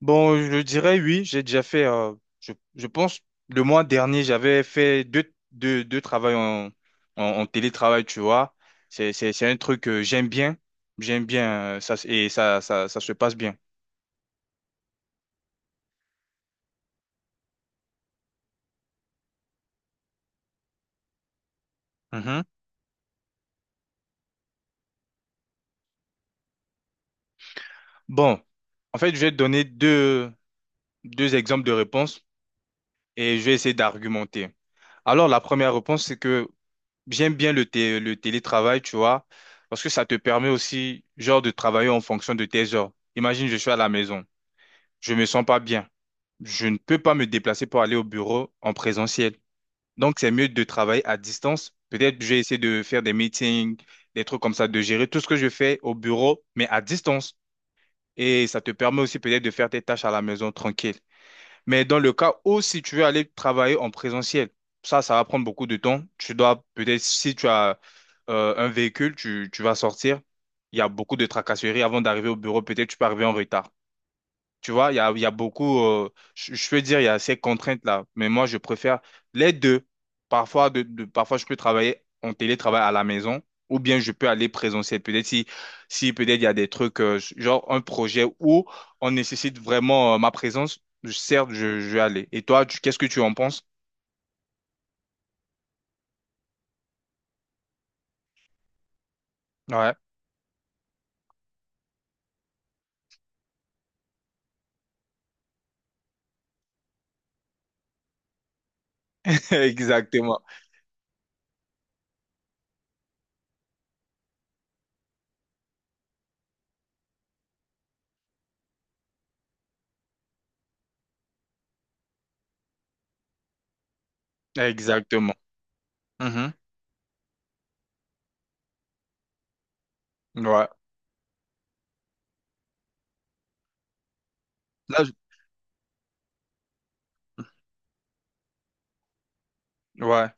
Bon, je dirais oui, j'ai déjà fait, je pense, le mois dernier, j'avais fait deux travails en, en télétravail, tu vois. C'est, c'est un truc que j'aime bien, ça, et ça se passe bien. Mhm. Bon, en fait, je vais te donner deux exemples de réponses et je vais essayer d'argumenter. Alors, la première réponse, c'est que j'aime bien le télétravail, tu vois, parce que ça te permet aussi, genre, de travailler en fonction de tes heures. Imagine, je suis à la maison. Je me sens pas bien. Je ne peux pas me déplacer pour aller au bureau en présentiel. Donc, c'est mieux de travailler à distance. Peut-être je vais essayer de faire des meetings, des trucs comme ça, de gérer tout ce que je fais au bureau, mais à distance. Et ça te permet aussi peut-être de faire tes tâches à la maison tranquille. Mais dans le cas où si tu veux aller travailler en présentiel, ça va prendre beaucoup de temps. Tu dois peut-être, si tu as un véhicule, tu vas sortir. Il y a beaucoup de tracasseries avant d'arriver au bureau. Peut-être tu peux arriver en retard. Tu vois, il y a beaucoup, je peux dire, il y a ces contraintes-là, mais moi, je préfère les deux. Parfois, parfois, je peux travailler en télétravail à la maison ou bien je peux aller présentiel. Peut-être si peut-être il y a des trucs, genre un projet où on nécessite vraiment, ma présence, certes, je vais aller. Et toi, qu'est-ce que tu en penses? Ouais, exactement. Exactement. Mhm. Ouais. Là, ouais,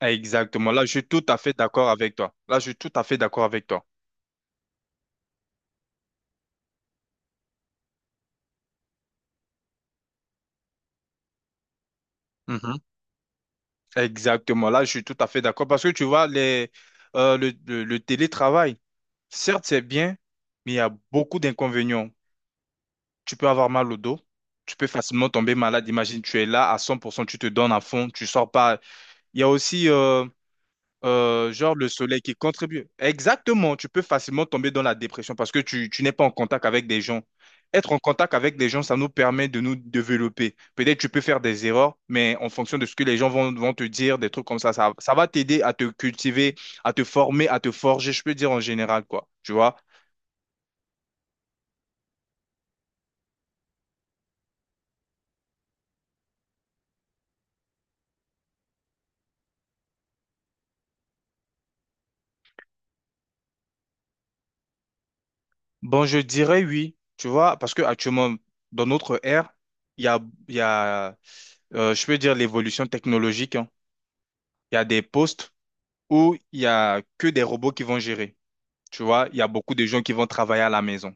exactement. Là, je suis tout à fait d'accord avec toi. Là, je suis tout à fait d'accord avec toi. Exactement, là je suis tout à fait d'accord parce que tu vois, le télétravail, certes c'est bien, mais il y a beaucoup d'inconvénients. Tu peux avoir mal au dos, tu peux facilement tomber malade. Imagine, tu es là à 100%, tu te donnes à fond, tu sors pas. Il y a aussi, genre le soleil qui contribue. Exactement, tu peux facilement tomber dans la dépression parce que tu n'es pas en contact avec des gens. Être en contact avec des gens, ça nous permet de nous développer. Peut-être tu peux faire des erreurs, mais en fonction de ce que les gens vont te dire, des trucs comme ça, ça va t'aider à te cultiver, à te former, à te forger, je peux dire en général, quoi. Tu vois? Bon, je dirais oui, tu vois, parce que actuellement, dans notre ère, il y a, il y a je peux dire l'évolution technologique, hein. Il y a des postes où il y a que des robots qui vont gérer. Tu vois, il y a beaucoup de gens qui vont travailler à la maison.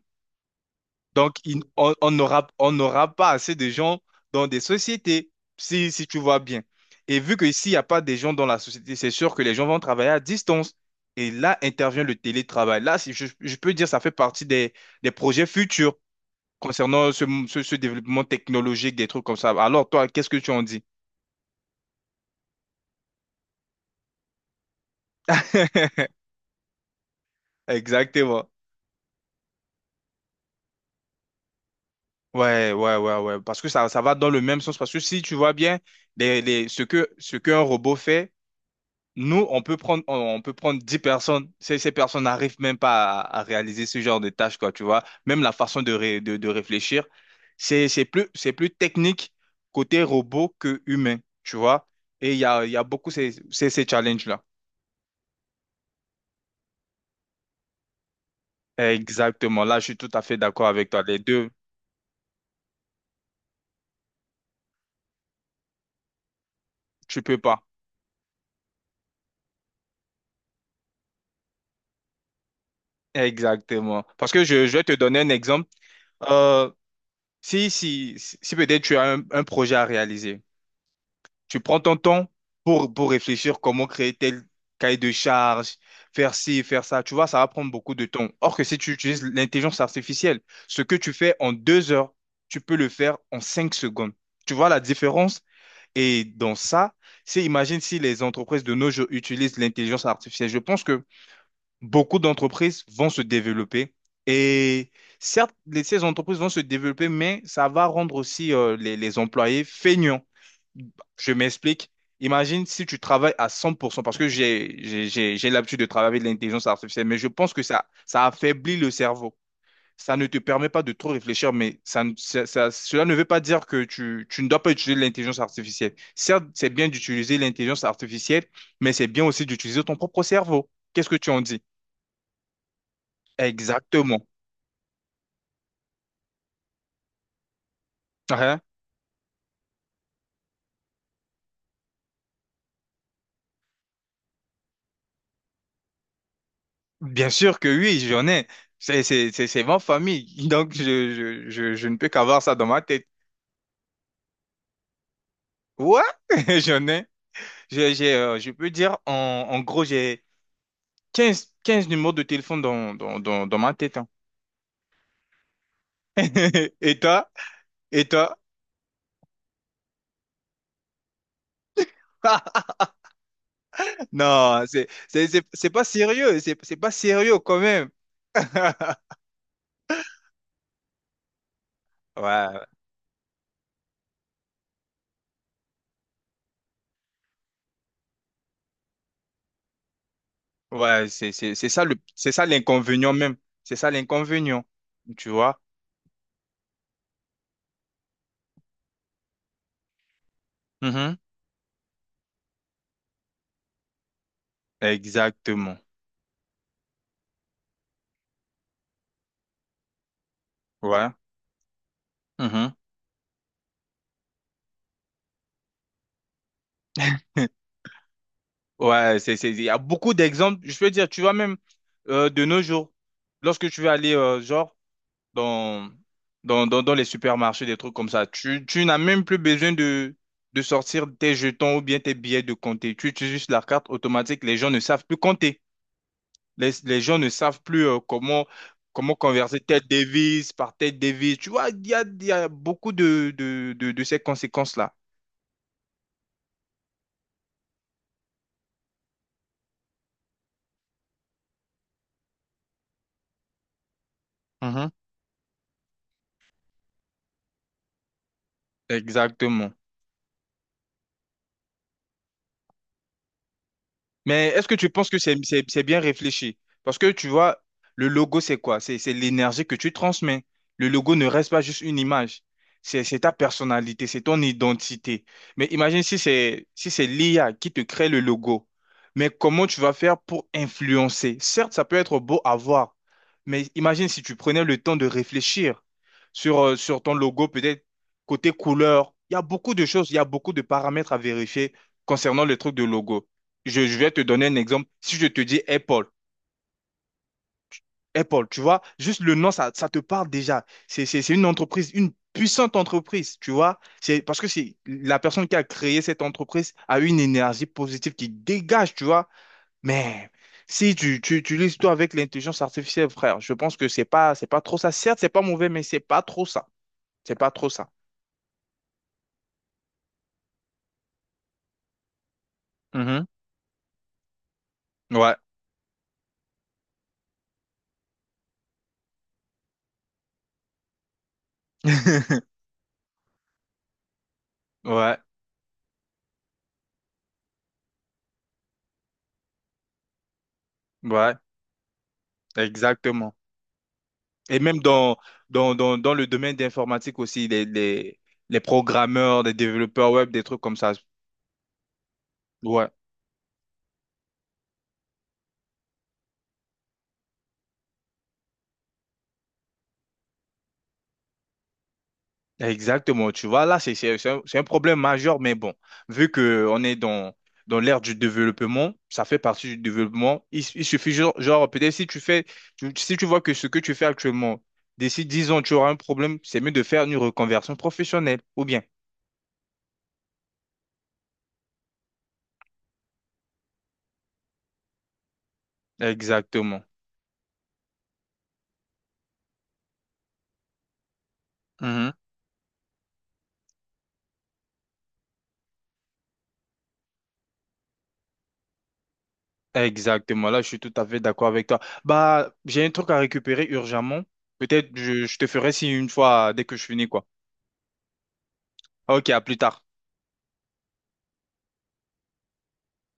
Donc, on n'aura pas assez de gens dans des sociétés, si tu vois bien. Et vu que s'il n'y a pas des gens dans la société, c'est sûr que les gens vont travailler à distance. Et là intervient le télétravail. Là, si je peux dire, ça fait partie des, projets futurs concernant ce développement technologique, des trucs comme ça. Alors, toi, qu'est-ce que tu en dis? Exactement. Ouais, ouais, ouais, ouais. Parce que ça va dans le même sens. Parce que si tu vois bien ce qu'un robot fait, nous, on peut prendre 10 personnes. Ces personnes n'arrivent même pas à réaliser ce genre de tâches, quoi, tu vois. Même la façon de réfléchir, c'est plus technique côté robot que humain, tu vois. Et il y a beaucoup ces challenges-là. Exactement. Là, je suis tout à fait d'accord avec toi. Les deux, tu peux pas. Exactement. Parce que je vais te donner un exemple. Euh, si peut-être tu as un projet à réaliser, tu prends ton temps pour réfléchir comment créer tel cahier de charge, faire ci, faire ça. Tu vois, ça va prendre beaucoup de temps. Or que si tu utilises l'intelligence artificielle, ce que tu fais en 2 heures, tu peux le faire en 5 secondes. Tu vois la différence? Et dans ça, c'est imagine si les entreprises de nos jours utilisent l'intelligence artificielle. Je pense que beaucoup d'entreprises vont se développer. Et certes, ces entreprises vont se développer, mais ça va rendre aussi les employés feignants. Je m'explique. Imagine si tu travailles à 100%, parce que j'ai l'habitude de travailler avec l'intelligence artificielle, mais je pense que ça affaiblit le cerveau. Ça ne te permet pas de trop réfléchir, mais ça, ne- ça- ça- cela ne veut pas dire que tu ne dois pas utiliser l'intelligence artificielle. Certes, c'est bien d'utiliser l'intelligence artificielle, mais c'est bien aussi d'utiliser ton propre cerveau. Qu'est-ce que tu en dis? Exactement. Hein? Bien sûr que oui, j'en ai. C'est ma famille. Donc, je ne peux qu'avoir ça dans ma tête. Ouais, j'en ai. Je peux dire, en gros, j'ai 15 numéros de téléphone dans ma tête, hein. Et toi? Et toi? Non, c'est pas sérieux. C'est pas sérieux quand même. Ouais, ouais, c'est ça l'inconvénient même. C'est ça l'inconvénient. Tu vois? Mhm. Exactement. Ouais. Mhm. Ouais, il y a beaucoup d'exemples. Je peux dire, tu vois même de nos jours, lorsque tu vas aller genre dans, dans les supermarchés, des trucs comme ça, tu n'as même plus besoin de sortir tes jetons ou bien tes billets de compter. Tu utilises juste la carte automatique. Les gens ne savent plus compter. Les gens ne savent plus comment converser telle devise par telle devise. Tu vois, il y a beaucoup de ces conséquences-là. Mhm. Exactement. Mais est-ce que tu penses que c'est bien réfléchi? Parce que tu vois, le logo, c'est quoi? C'est l'énergie que tu transmets. Le logo ne reste pas juste une image. C'est ta personnalité, c'est ton identité. Mais imagine si c'est l'IA qui te crée le logo. Mais comment tu vas faire pour influencer? Certes, ça peut être beau à voir, mais imagine si tu prenais le temps de réfléchir sur ton logo, peut-être côté couleur. Il y a beaucoup de choses, il y a beaucoup de paramètres à vérifier concernant le truc de logo. Je vais te donner un exemple. Si je te dis Apple, Apple, tu vois, juste le nom, ça te parle déjà. C'est une entreprise, une puissante entreprise, tu vois. C'est parce que c'est la personne qui a créé cette entreprise a une énergie positive qui dégage, tu vois. Mais si tu utilises tout avec l'intelligence artificielle, frère, je pense que c'est pas trop ça. Certes, c'est pas mauvais, mais c'est pas trop ça. C'est pas trop ça. Mhm. Ouais. Ouais, ouais, exactement. Et même dans le domaine d'informatique aussi, les programmeurs, les développeurs web, des trucs comme ça. Ouais, exactement. Tu vois, là, c'est un problème majeur, mais bon, vu qu'on est dans l'ère du développement, ça fait partie du développement. Il suffit, genre, peut-être si tu vois que ce que tu fais actuellement, d'ici 10 ans, tu auras un problème, c'est mieux de faire une reconversion professionnelle, ou bien. Exactement. Exactement, là je suis tout à fait d'accord avec toi. Bah, j'ai un truc à récupérer urgemment. Peut-être je te ferai si une fois dès que je finis quoi. Ok, à plus tard.